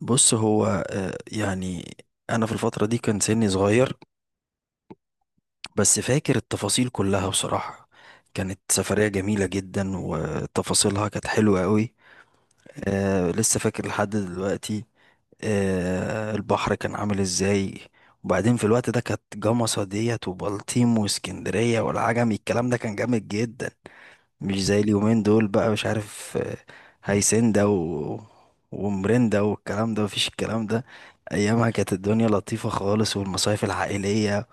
بص هو يعني انا في الفتره دي كان سني صغير، بس فاكر التفاصيل كلها بصراحه. كانت سفريه جميله جدا وتفاصيلها كانت حلوه قوي. لسه فاكر لحد دلوقتي. البحر كان عامل ازاي؟ وبعدين في الوقت ده كانت جمصة ديت وبلطيم واسكندريه والعجمي، الكلام ده كان جامد جدا، مش زي اليومين دول بقى، مش عارف. هيسندا ومرندا والكلام ده، مفيش الكلام ده. ايامها كانت الدنيا لطيفة خالص، والمصايف العائلية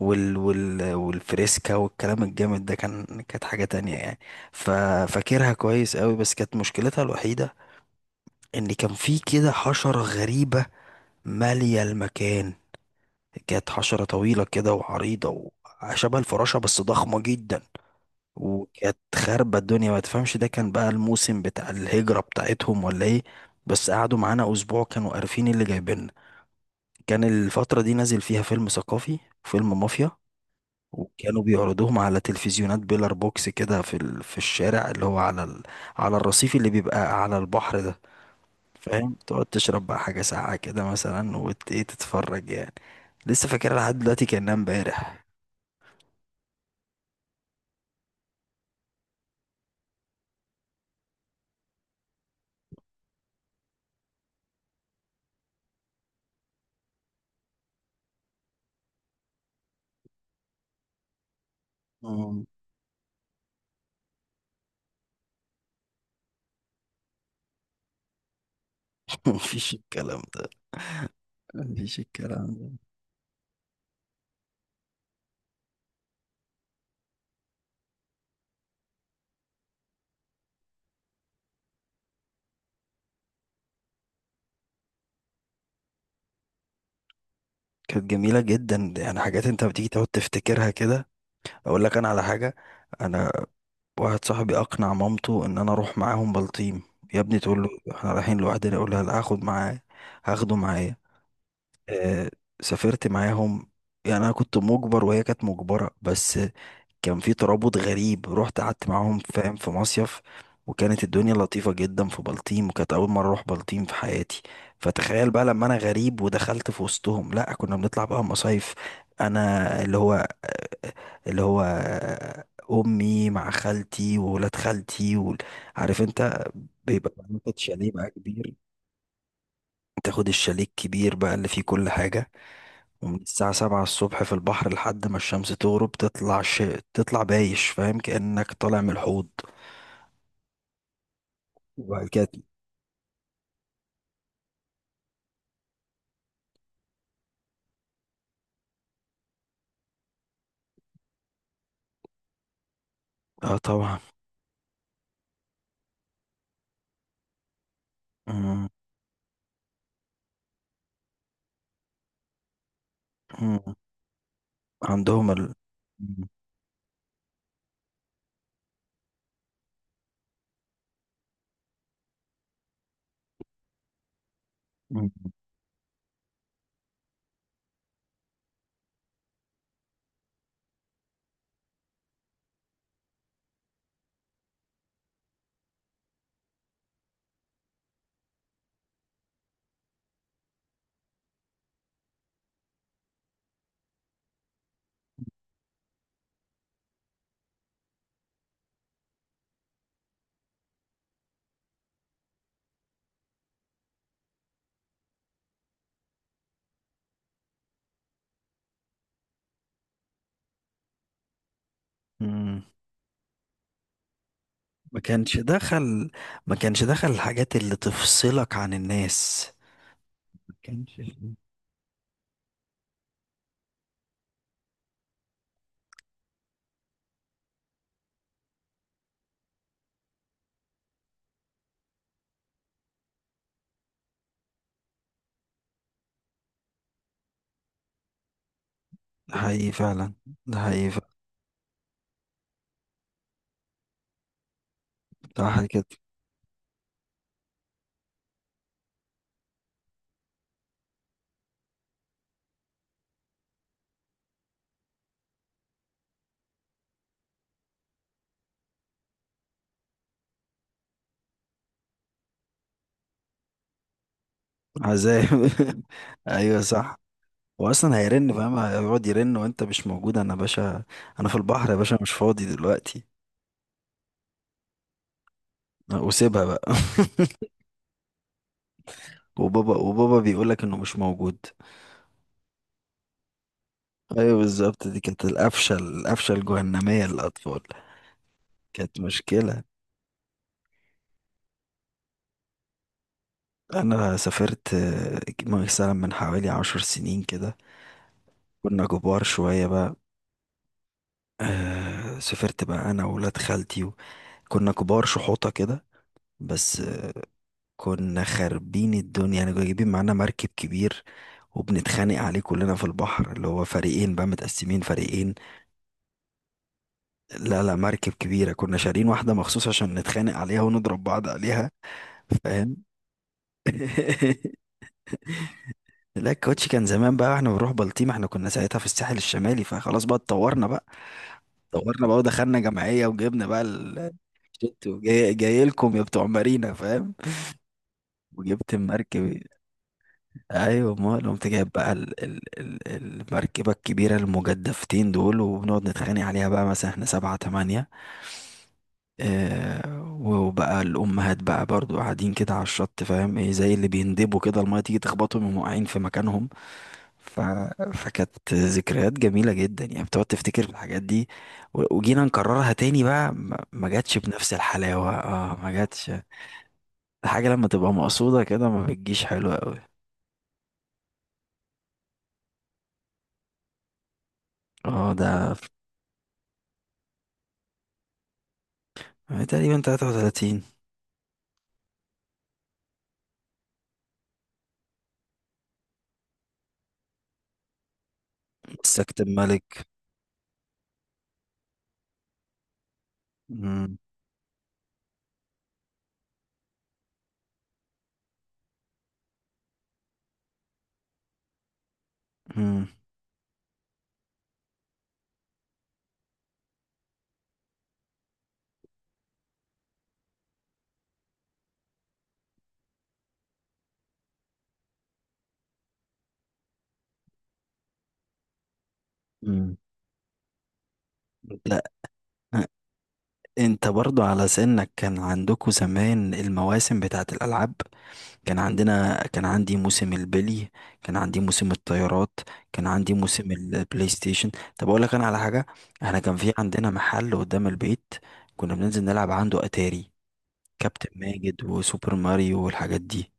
والفريسكا والكلام الجامد ده كانت حاجة تانية يعني. ف... فاكرها كويس قوي، بس كانت مشكلتها الوحيدة ان كان في كده حشرة غريبة مالية المكان. كانت حشرة طويلة كده وعريضة، وشبه الفراشة بس ضخمة جدا، وكانت خاربة الدنيا. ما تفهمش ده كان بقى الموسم بتاع الهجرة بتاعتهم ولا ايه. بس قعدوا معانا اسبوع، كانوا عارفين اللي جايبيننا. كان الفترة دي نازل فيها فيلم ثقافي، فيلم مافيا، وكانوا بيعرضوهم على تلفزيونات بيلر بوكس كده في الشارع اللي هو على الرصيف اللي بيبقى على البحر ده. فاهم، تقعد تشرب بقى حاجة ساقعة كده مثلا، وت... ايه تتفرج يعني. لسه فاكرها لحد دلوقتي كأنها امبارح. مم. مفيش الكلام ده، مفيش الكلام ده. كانت جميلة جدا، يعني حاجات انت بتيجي تقعد تفتكرها كده. اقول لك انا على حاجة. انا واحد صاحبي اقنع مامته ان انا اروح معاهم بلطيم. يا ابني تقول له احنا رايحين لوحدنا، يقول لها لا، هاخده معايا. آه سافرت معاهم. يعني انا كنت مجبر وهي كانت مجبرة، بس كان في ترابط غريب، رحت قعدت معاهم فاهم في مصيف. وكانت الدنيا لطيفة جدا في بلطيم، وكانت أول مرة أروح بلطيم في حياتي. فتخيل بقى لما أنا غريب ودخلت في وسطهم. لأ كنا بنطلع بقى مصايف، أنا اللي هو أمي مع خالتي وولاد خالتي عارف أنت. بيبقى بناخد شاليه بقى كبير، تاخد الشاليه الكبير بقى اللي فيه كل حاجة، ومن الساعة سبعة الصبح في البحر لحد ما الشمس تغرب. تطلع تطلع بايش، فاهم، كأنك طالع من الحوض. وبعد كده، اه طبعا. مم. مم. عندهم ال. مم. مم. مم. ما كانش دخل، ما كانش دخل الحاجات اللي تفصلك عن الناس. ما كانش في-. ده حقيقي فعلا، ده حقيقي فعلا. صح كده. عذاب. ايوه صح. واصلا هيرن فاهم، هيقعد يرن وانت مش موجود. انا باشا، انا في البحر يا باشا، مش فاضي دلوقتي. أه، وسيبها بقى. وبابا بيقولك انه مش موجود. ايوه بالظبط، دي كانت القفشه الجهنميه للاطفال. كانت مشكله. انا سافرت مثلا من حوالي عشر سنين كده. كنا كبار شويه بقى. سافرت بقى انا وولاد خالتي كنا كبار شحوطه كده. بس كنا خاربين الدنيا يعني، كنا جايبين معانا مركب كبير، وبنتخانق عليه كلنا في البحر، اللي هو فريقين بقى، متقسمين فريقين. لا لا، مركب كبيرة كنا شارين واحدة مخصوص عشان نتخانق عليها ونضرب بعض عليها، فاهم. لا، الكاوتش كان زمان بقى، احنا بنروح بلطيم، احنا كنا ساعتها في الساحل الشمالي، فخلاص بقى اتطورنا بقى ودخلنا جمعية وجبنا بقى الشت، وجاي جاي لكم يا بتوع مارينا فاهم. وجبت المركب. ايوه امال، قمت جايب بقى ال ال ال المركبة الكبيرة المجدفتين دول، وبنقعد نتخانق عليها بقى مثلا احنا سبعة تمانية، اه. وبقى الأمهات بقى برضو قاعدين كده على الشط فاهم ايه، زي اللي بيندبوا كده، المية تيجي تخبطهم يقوموا واقعين في مكانهم. ف... فكانت ذكريات جميلة جدا يعني، بتقعد تفتكر في الحاجات دي. وجينا نكررها تاني بقى، ما جاتش بنفس الحلاوة، اه ما جاتش. الحاجة لما تبقى مقصودة كده ما بتجيش حلوة قوي. اه ده، تقريبا 33. سكت الملك. مم. مم. مم. لا. انت برضو على سنك كان عندكم زمان المواسم بتاعت الألعاب. كان عندنا، كان عندي موسم البلي، كان عندي موسم الطيارات، كان عندي موسم البلاي ستيشن. طب اقول لك انا على حاجه. احنا كان في عندنا محل قدام البيت، كنا بننزل نلعب عنده اتاري، كابتن ماجد وسوبر ماريو والحاجات دي.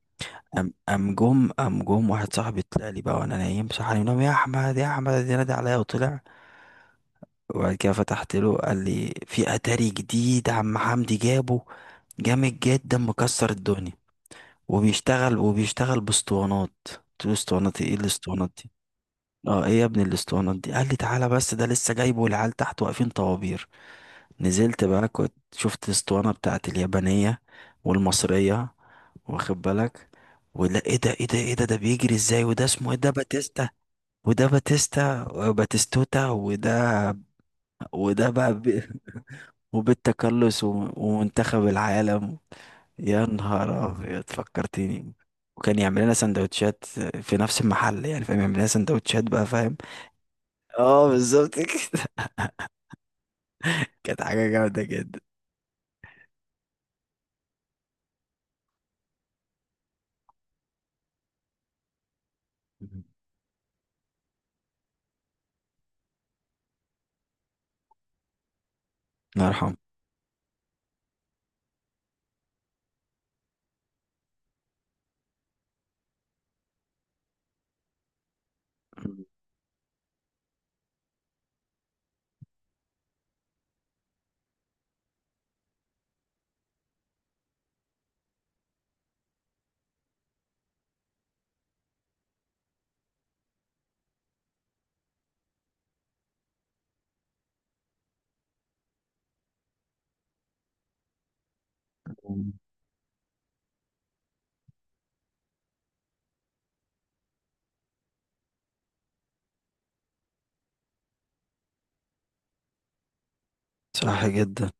ام ام جم ام جم واحد صاحبي طلع لي بقى وانا نايم، صح علي، نام يا احمد يا احمد، نادى عليا وطلع. وبعد كده فتحت له، قال لي في اتاري جديد عم حمدي جابه، جامد جدا مكسر الدنيا، وبيشتغل باسطوانات. قلت له اسطوانات ايه، إيه الاسطوانات دي. اه ايه يا ابني الاسطوانات دي، قال لي تعالى، بس ده لسه جايبه والعيال تحت واقفين طوابير. نزلت بقى، كنت شفت الاسطوانة بتاعت اليابانية والمصرية، واخد بالك؟ ولا ايه ده، ايه ده، ايه ده، ده بيجري ازاي، وده اسمه ايه، ده باتيستا، وده باتيستا باتيستوتا، وده وده بقى، وبالتكلس ومنتخب العالم. يا نهار أبيض فكرتني. وكان يعمل لنا سندوتشات في نفس المحل، يعني فاهم، يعمل لنا سندوتشات بقى فاهم. اه بالظبط كده. كانت حاجة جامدة جدا. الله يرحمه. صح جدا.